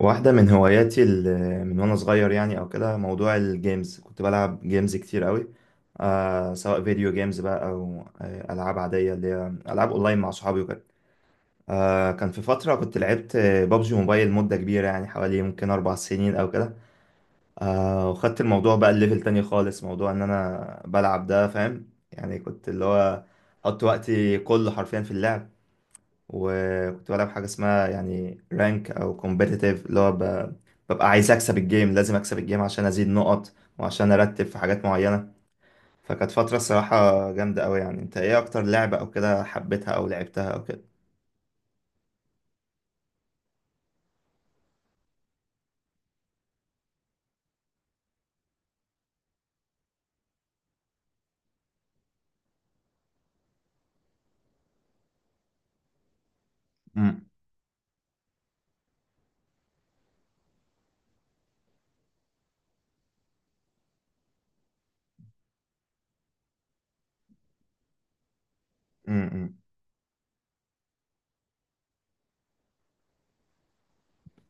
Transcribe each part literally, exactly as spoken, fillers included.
واحدة من هواياتي ال- من وأنا صغير يعني أو كده موضوع الجيمز، كنت بلعب جيمز كتير قوي، آه سواء فيديو جيمز بقى أو آه ألعاب عادية، اللي هي ألعاب أونلاين مع صحابي وكده. آه كان في فترة كنت لعبت بابجي موبايل مدة كبيرة، يعني حوالي ممكن أربع سنين أو كده. آه وخدت الموضوع بقى الليفل تاني خالص، موضوع إن أنا بلعب ده فاهم، يعني كنت اللي هو حط وقتي كله حرفيا في اللعب. وكنت بلعب حاجة اسمها يعني رانك أو كومبيتيتيف، اللي هو ب- ببقى عايز أكسب الجيم، لازم أكسب الجيم عشان أزيد نقط وعشان أرتب في حاجات معينة. فكانت فترة الصراحة جامدة أوي. يعني أنت إيه أكتر لعبة أو كده حبيتها أو لعبتها أو كده؟ أمم، أمم، أمم.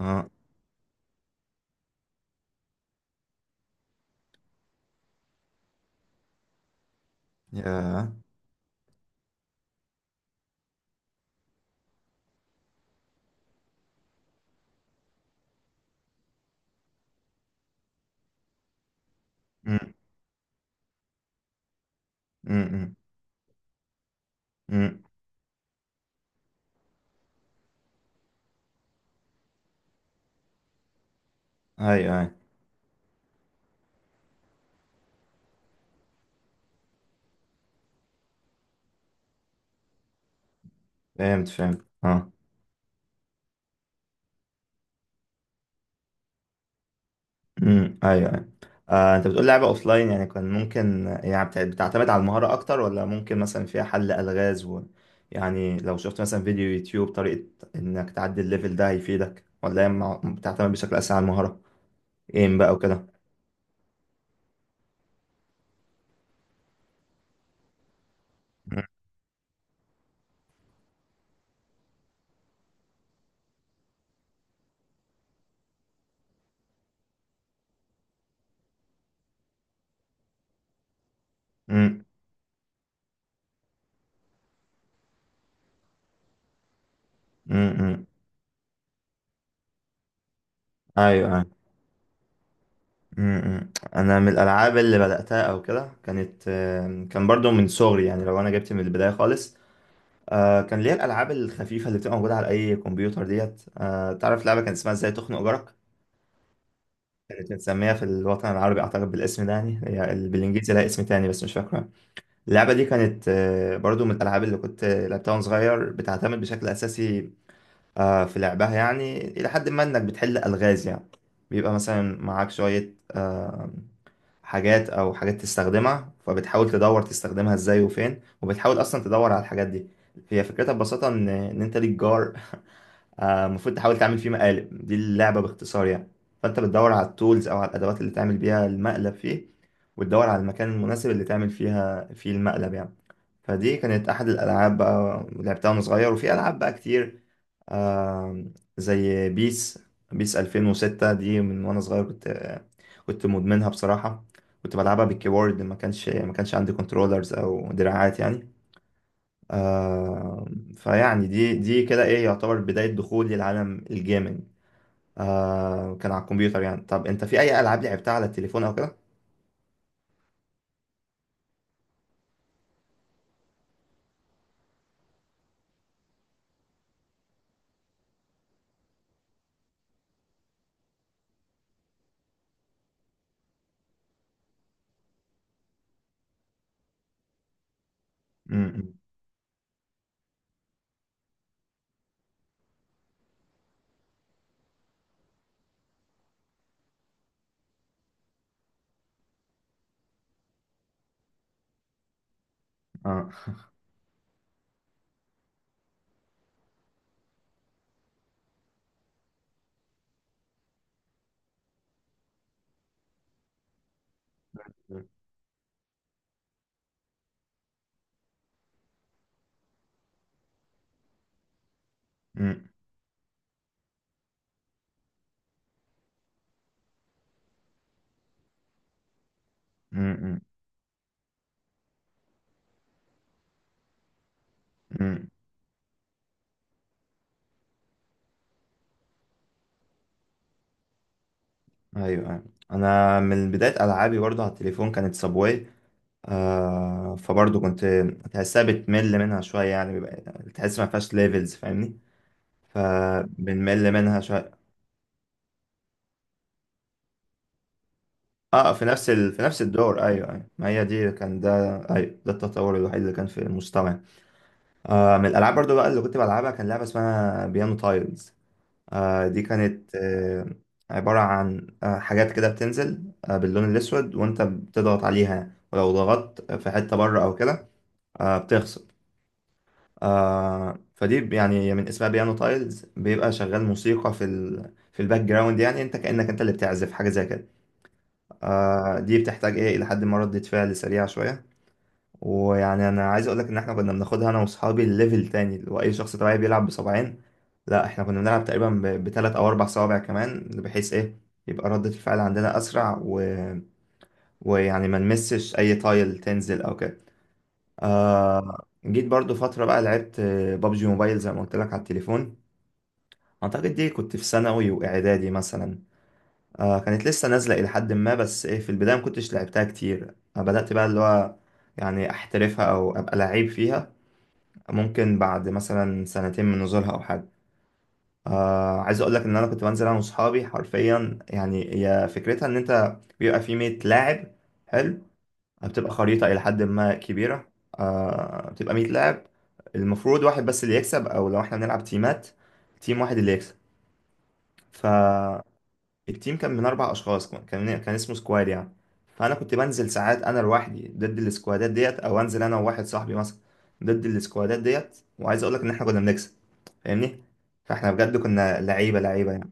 أه. يا أمم، أمم، أمم. أمم. أيوه أيوه. فهمت فهمت، أه. امم، ايوه ايوه. آه، انت بتقول لعبة اوفلاين، يعني كان ممكن يعني بتع- بتعتمد على المهارة اكتر، ولا ممكن مثلا فيها حل الغاز و... يعني لو شفت مثلا فيديو يوتيوب طريقة انك تعدي الليفل ده هيفيدك، ولا هي مع- بتعتمد بشكل اساسي على المهارة؟ ايم بقى وكده. امم. امم امم، امم. ايوه ايوه. امم امم. انا من الالعاب اللي بدأتها او كده كانت، آم، كان برضو من صغري، يعني لو انا جبت من البداية خالص، آه، كان ليا الالعاب الخفيفة اللي بتبقى موجودة على اي كمبيوتر ديت. آه، تعرف لعبة كان اسمها ازاي تخنق جارك؟ كانت متسمية في الوطن العربي أعتقد بالاسم ده، يعني هي ال- بالإنجليزي لها اسم تاني بس مش فاكرة. اللعبة دي كانت، آه، برضو من الألعاب اللي كنت آه، لعبتها وأنا صغير. بتعتمد بشكل أساسي آه، في لعبها يعني، إلى حد ما إنك بتحل ألغاز يعني. بيبقى مثلا معاك شوية آه، حاجات أو حاجات تستخدمها، فبتحاول تدور تستخدمها إزاي وفين، وبتحاول أصلا تدور على الحاجات دي. هي فكرتها ببساطة إن إن أنت ليك جار، آه، المفروض تحاول تعمل فيه مقالب. دي اللعبة باختصار يعني. فأنت بتدور على التولز أو على الأدوات اللي تعمل بيها المقلب فيه، وتدور على المكان المناسب اللي تعمل فيها فيه المقلب يعني. فدي كانت أحد الألعاب بقى لعبتها وأنا صغير. وفي ألعاب بقى كتير، آه، زي بيس. بيس ألفين وستة دي من وأنا صغير، كنت كنت مدمنها بصراحة. كنت بلعبها بالكيبورد، ما كانش ما كانش عندي كنترولرز أو دراعات يعني. آه، فيعني دي دي كده ايه يعتبر بداية دخولي لعالم الجيمنج. آه كان على الكمبيوتر يعني. طب انت في اي العاب لعبتها على التليفون او كده؟ امم اه. امم. امم. امم. ايوه، أيوة. انا من بداية العابي برضه على التليفون كانت سابواي. آه فبرضه كنت تحسها بتمل منها شوية، يعني بيبقى- تحس ما فيهاش ليفلز فاهمني، فبنمل منها شوية. اه، في نفس ال... في نفس الدور، ايوه ايوه، ما هي دي كان ده، ايوه ده التطور الوحيد اللي كان في المستوى. آه، من الالعاب برضو بقى اللي كنت بلعبها كان لعبه اسمها بيانو تايلز. آه دي كانت آه عباره عن آه حاجات كده بتنزل آه باللون الاسود، وانت بتضغط عليها. ولو ضغطت في حته بره او كده، آه بتخسر. آه، فدي يعني من اسمها بيانو تايلز، بيبقى شغال موسيقى في ال... في الباك جراوند، يعني انت كانك انت اللي بتعزف حاجه زي كده. آه، دي بتحتاج ايه، الى حد ما ردة فعل سريعة شوية. ويعني انا عايز اقولك ان احنا كنا بناخدها انا واصحابي ليفل تاني، اللي هو اي شخص طبيعي بيلعب بصبعين، لا احنا كنا بنلعب تقريبا ب- بتلات او اربع صوابع كمان، بحيث ايه يبقى ردة الفعل عندنا اسرع، و... ويعني ما نمسش اي تايل تنزل او كده. آه... جيت برضو فترة بقى لعبت، آه، بابجي موبايل زي ما قلت لك على التليفون. اعتقد دي كنت في ثانوي واعدادي مثلا. آه كانت لسه نازلة إلى حد ما، بس إيه في البداية ما كنتش لعبتها كتير. آه، بدأت بقى اللي هو يعني أحترفها أو أبقى لعيب فيها ممكن بعد مثلا سنتين من نزولها أو حاجة. آه عايز أقول لك إن أنا كنت بنزل أنا وصحابي حرفيا. يعني هي فكرتها إن أنت بيبقى في مية لاعب، حلو، بتبقى خريطة إلى حد ما كبيرة. آه بتبقى مية لاعب، المفروض واحد بس اللي يكسب، أو لو إحنا بنلعب تيمات تيم واحد اللي يكسب. ف، التيم كان من اربع اشخاص، كان كان كان اسمه سكواد يعني. فانا كنت بنزل ساعات انا لوحدي ضد السكوادات ديت، او انزل انا وواحد صاحبي مثلا ضد السكوادات ديت. وعايز اقول لك ان احنا كنا بنكسب، فاهمني. فاحنا بجد كنا لعيبه لعيبه يعني.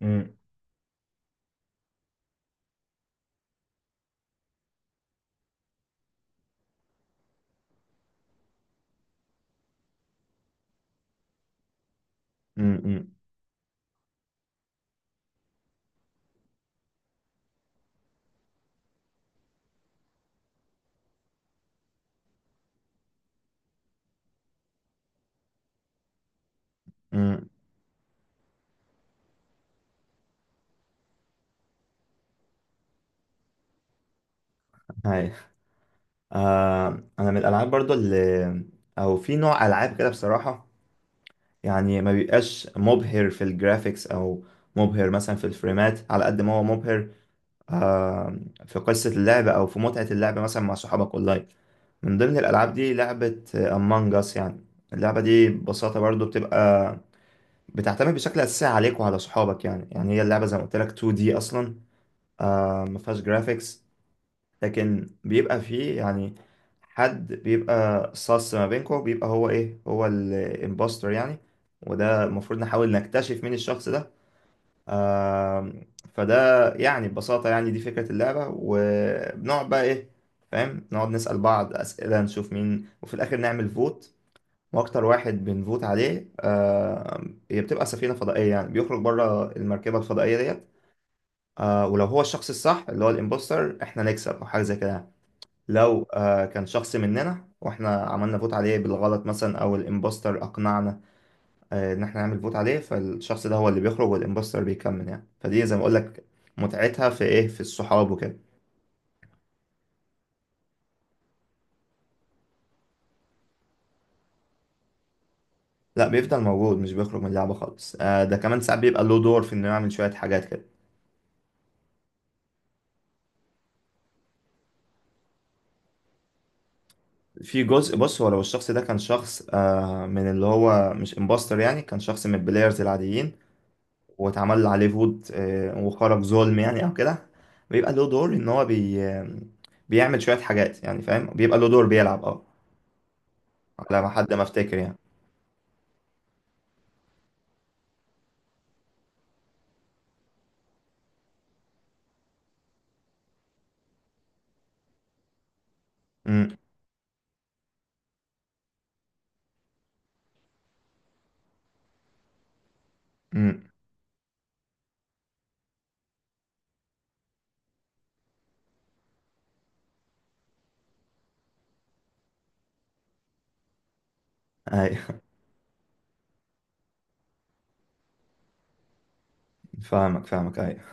امم امم. امم. هاي، آه. انا من الالعاب برضو اللي، او في نوع العاب كده بصراحه، يعني ما بيبقاش مبهر في الجرافيكس، او مبهر مثلا في الفريمات، على قد ما هو مبهر آه، في قصة اللعب أو في متعة اللعب مثلا مع صحابك أونلاين. من ضمن الألعاب دي لعبة أمانج أس يعني. اللعبة دي ببساطة برضو بتبقى بتعتمد بشكل أساسي عليك وعلى صحابك يعني. يعني هي اللعبة زي ما قلت لك تو دي أصلا، آه ما فيهاش جرافيكس، لكن بيبقى فيه يعني حد بيبقى صاص ما بينكم، بيبقى هو إيه، هو الإمباستر يعني. وده المفروض نحاول نكتشف مين الشخص ده. آم، فده يعني ببساطة يعني دي فكرة اللعبة. وبنقعد بقى إيه، فاهم، نقعد نسأل بعض أسئلة نشوف مين، وفي الآخر نعمل فوت. وأكتر واحد بنفوت عليه، آم، هي بتبقى سفينة فضائية، يعني بيخرج بره المركبة الفضائية ديت. آه، ولو هو الشخص الصح اللي هو الإمبوستر، إحنا نكسب أو حاجة زي كده يعني. لو آه، كان شخص مننا وإحنا عملنا فوت عليه بالغلط مثلا، أو الإمبوستر أقنعنا آه، ان احنا نعمل فوت عليه، فالشخص ده هو اللي بيخرج والامبوستر بيكمل يعني. فدي زي ما اقول لك متعتها في ايه، في الصحاب وكده. لا بيفضل موجود، مش بيخرج من اللعبه خالص. آه، ده كمان ساعات بيبقى له دور في انه يعمل شويه حاجات كده. في جزء، بص، هو لو الشخص ده كان شخص آه، من اللي هو مش امبوستر، يعني كان شخص من البلايرز العاديين واتعمل عليه فوت، آه، وخرج ظلم يعني او كده، بيبقى له دور، ان هو بي بيعمل شويه حاجات يعني، فاهم، بيبقى له دور بيلعب، اه، على ما حد ما افتكر يعني. امم. فاهمك فاهمك أي.